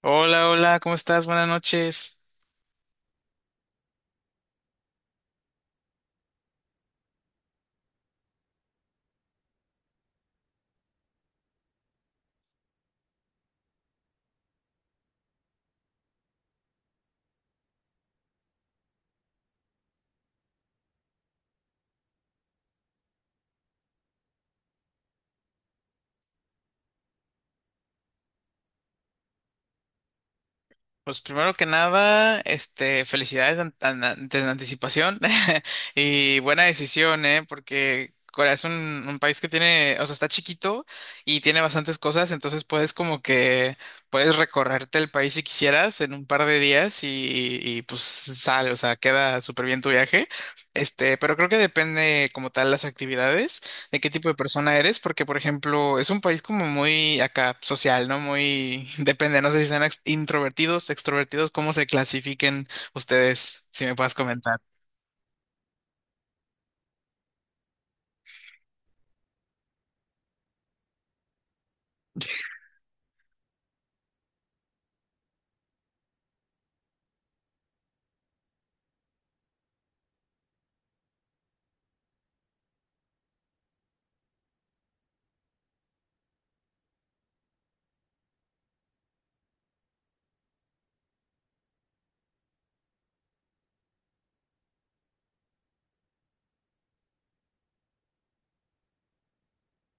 Hola, hola, ¿cómo estás? Buenas noches. Pues primero que nada, felicidades en anticipación y buena decisión, ¿eh? Porque Corea es un país que tiene, o sea, está chiquito y tiene bastantes cosas, entonces puedes como que puedes recorrerte el país si quisieras en un par de días y pues sale, o sea, queda súper bien tu viaje. Este, pero creo que depende como tal las actividades de qué tipo de persona eres, porque por ejemplo es un país como muy acá social, ¿no? Muy depende, no sé si sean introvertidos, extrovertidos, cómo se clasifiquen ustedes, si me puedes comentar.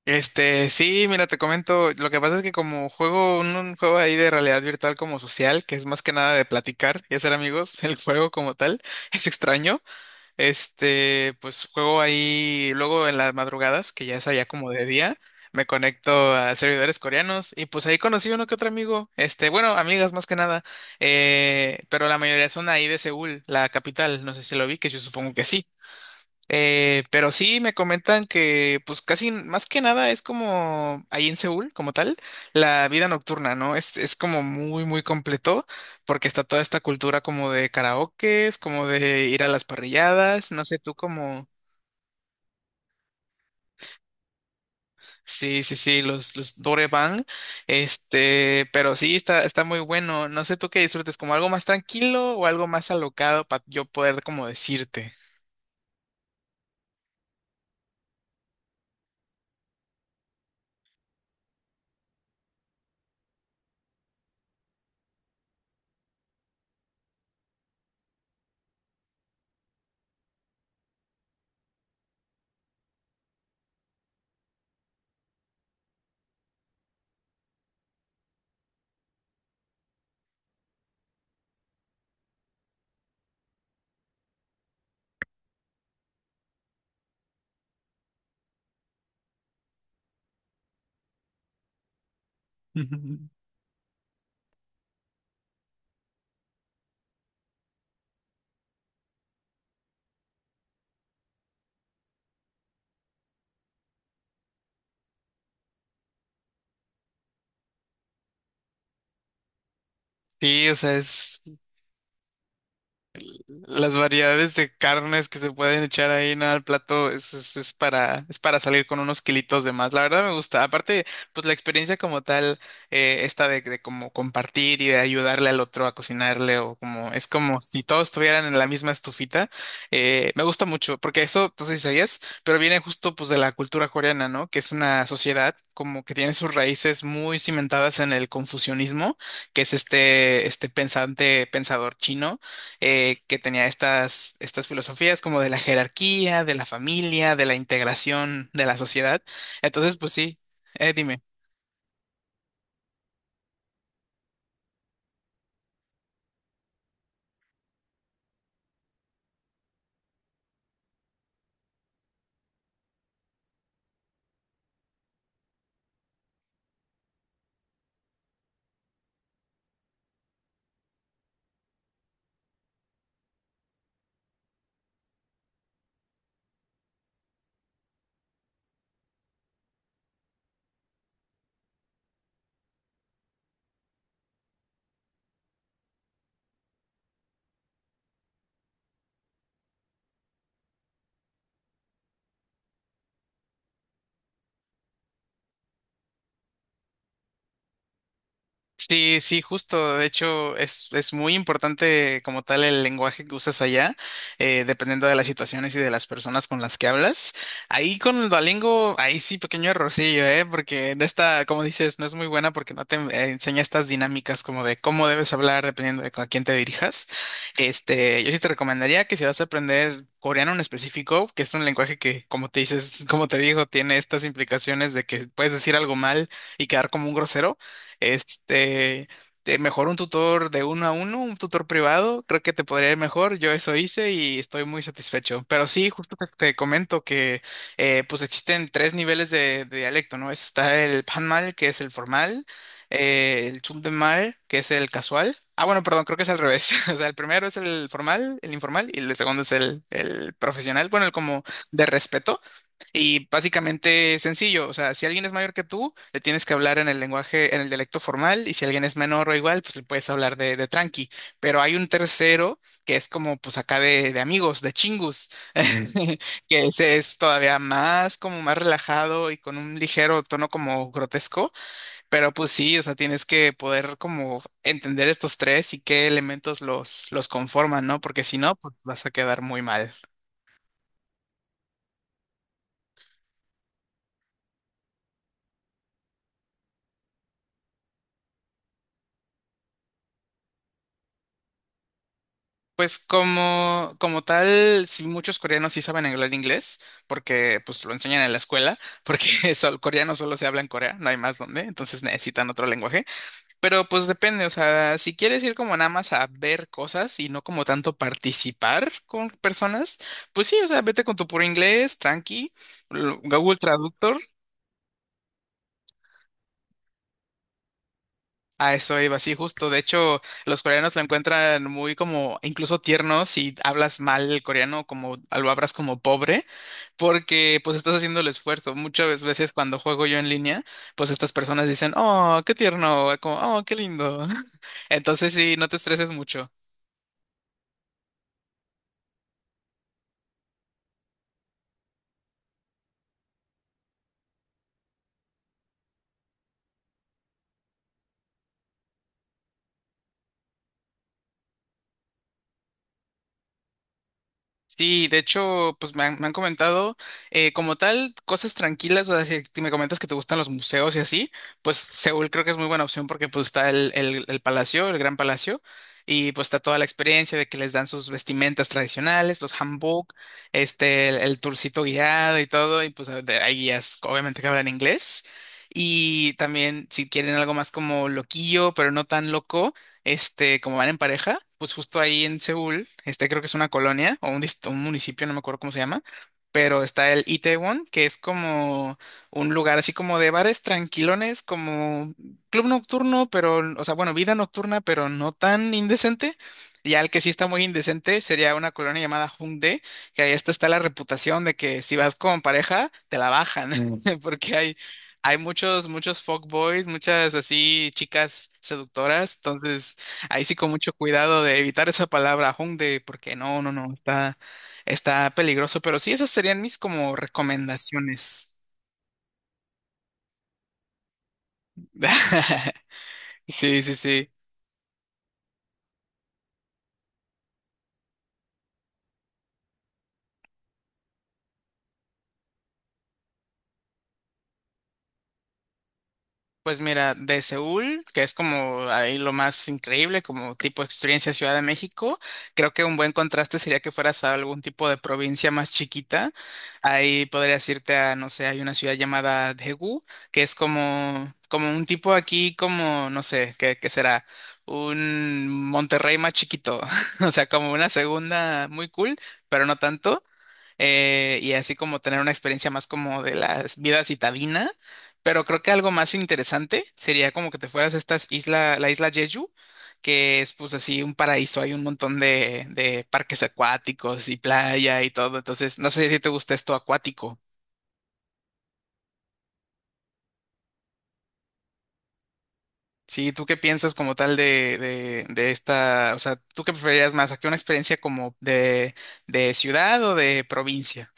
Este, sí, mira, te comento, lo que pasa es que como juego un juego ahí de realidad virtual como social, que es más que nada de platicar y hacer amigos. El juego como tal es extraño. Este, pues juego ahí luego en las madrugadas, que ya es allá como de día, me conecto a servidores coreanos y pues ahí conocí uno que otro amigo, este, bueno, amigas más que nada. Eh, pero la mayoría son ahí de Seúl, la capital, no sé si lo vi, que yo supongo que sí. Pero sí me comentan que pues más que nada es como ahí en Seúl, como tal, la vida nocturna, ¿no? Es como muy, muy completo, porque está toda esta cultura como de karaokes, como de ir a las parrilladas, no sé tú como, sí, sí, sí, los Dorebang. Este, pero sí está, está muy bueno. No sé tú qué disfrutes, como algo más tranquilo o algo más alocado para yo poder como decirte. Sí, o sea, es las variedades de carnes que se pueden echar ahí, ¿no?, al plato. Es, es para salir con unos kilitos de más. La verdad me gusta. Aparte, pues la experiencia como tal, esta de como compartir y de ayudarle al otro a cocinarle o como, es como si todos estuvieran en la misma estufita. Me gusta mucho, porque eso, pues si sabías, pero viene justo pues de la cultura coreana, ¿no? Que es una sociedad como que tiene sus raíces muy cimentadas en el confucianismo, que es este, este pensador chino. Que tenía estas, estas filosofías como de la jerarquía, de la familia, de la integración de la sociedad. Entonces, pues sí, dime. Sí, sí, justo. De hecho, es muy importante como tal el lenguaje que usas allá, dependiendo de las situaciones y de las personas con las que hablas. Ahí con el Duolingo, ahí sí, pequeño errorcillo, ¿eh? Porque de esta, como dices, no es muy buena porque no te enseña estas dinámicas como de cómo debes hablar dependiendo de a quién te dirijas. Este, yo sí te recomendaría que si vas a aprender coreano en específico, que es un lenguaje que, como te dices, como te digo, tiene estas implicaciones de que puedes decir algo mal y quedar como un grosero. Este, de mejor un tutor de uno a uno, un tutor privado, creo que te podría ir mejor. Yo eso hice y estoy muy satisfecho. Pero sí, justo te comento que pues existen tres niveles de dialecto, ¿no? Está el panmal, que es el formal, el chundemal, que es el casual. Ah, bueno, perdón, creo que es al revés. O sea, el primero es el formal, el informal, y el segundo es el profesional, bueno, el como de respeto. Y básicamente sencillo, o sea, si alguien es mayor que tú, le tienes que hablar en el lenguaje, en el dialecto formal, y si alguien es menor o igual, pues le puedes hablar de tranqui. Pero hay un tercero que es como, pues acá de amigos, de chingus, que ese es todavía más, como más relajado y con un ligero tono como grotesco. Pero pues sí, o sea, tienes que poder como entender estos tres y qué elementos los conforman, ¿no? Porque si no, pues vas a quedar muy mal. Pues como, como tal, sí, muchos coreanos sí saben hablar inglés, porque pues lo enseñan en la escuela, porque coreano solo se habla en Corea, no hay más donde, entonces necesitan otro lenguaje. Pero pues depende, o sea, si quieres ir como nada más a ver cosas y no como tanto participar con personas, pues sí, o sea, vete con tu puro inglés, tranqui, Google Traductor. A eso iba, sí, justo. De hecho, los coreanos lo encuentran muy como incluso tierno si hablas mal el coreano, como lo hablas como pobre, porque pues estás haciendo el esfuerzo. Muchas veces cuando juego yo en línea, pues estas personas dicen, oh, qué tierno, como, oh, qué lindo. Entonces sí, no te estreses mucho. Sí, de hecho, pues me han comentado como tal cosas tranquilas, o sea, si me comentas que te gustan los museos y así, pues Seúl creo que es muy buena opción porque pues está el palacio, el Gran Palacio, y pues está toda la experiencia de que les dan sus vestimentas tradicionales, los hanbok, este, el tourcito guiado y todo, y pues hay guías obviamente que hablan inglés. Y también si quieren algo más como loquillo, pero no tan loco, este, como van en pareja, pues justo ahí en Seúl, este, creo que es una colonia o un municipio, no me acuerdo cómo se llama, pero está el Itaewon, que es como un lugar así como de bares tranquilones, como club nocturno, pero, o sea, bueno, vida nocturna, pero no tan indecente. Y al que sí está muy indecente sería una colonia llamada Hongdae, que ahí hasta está la reputación de que si vas con pareja, te la bajan, porque hay muchos, muchos fuckboys, muchas así chicas seductoras, entonces ahí sí con mucho cuidado de evitar esa palabra Hongdae, porque no, no, no, está, está peligroso. Pero sí, esas serían mis como recomendaciones. Sí, sí, sí. Pues mira, de Seúl, que es como ahí lo más increíble, como tipo experiencia Ciudad de México, creo que un buen contraste sería que fueras a algún tipo de provincia más chiquita. Ahí podrías irte a, no sé, hay una ciudad llamada Daegu, que es como, como un tipo aquí, como, no sé, ¿qué, qué será? Un Monterrey más chiquito, o sea, como una segunda muy cool, pero no tanto. Y así como tener una experiencia más como de la vida citadina. Pero creo que algo más interesante sería como que te fueras a estas isla, la isla Jeju, que es pues así un paraíso, hay un montón de parques acuáticos y playa y todo. Entonces, no sé si te gusta esto acuático. Sí, ¿tú qué piensas como tal de esta, o sea, ¿tú qué preferirías más? ¿Aquí una experiencia como de ciudad o de provincia?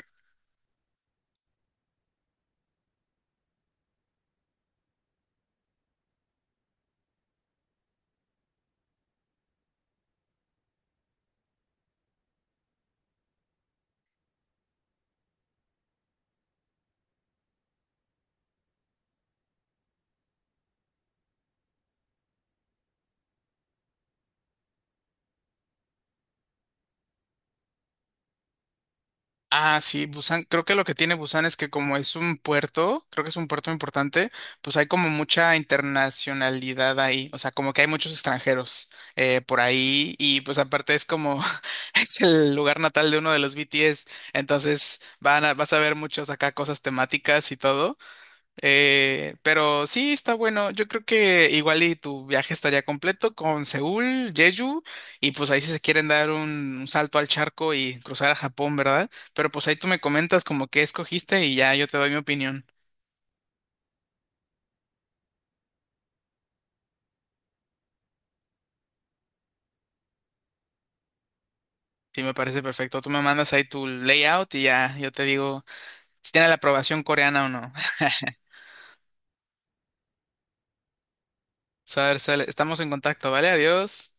Ah, sí, Busan, creo que lo que tiene Busan es que como es un puerto, creo que es un puerto importante, pues hay como mucha internacionalidad ahí, o sea, como que hay muchos extranjeros por ahí y pues aparte es como, es el lugar natal de uno de los BTS, entonces vas a ver muchos acá cosas temáticas y todo. Pero sí, está bueno. Yo creo que igual y tu viaje estaría completo con Seúl, Jeju, y pues ahí si se quieren dar un salto al charco y cruzar a Japón, ¿verdad? Pero pues ahí tú me comentas como qué escogiste y ya yo te doy mi opinión. Sí, me parece perfecto. Tú me mandas ahí tu layout y ya yo te digo si tiene la aprobación coreana o no. Saber, sale. Estamos en contacto, ¿vale? Adiós.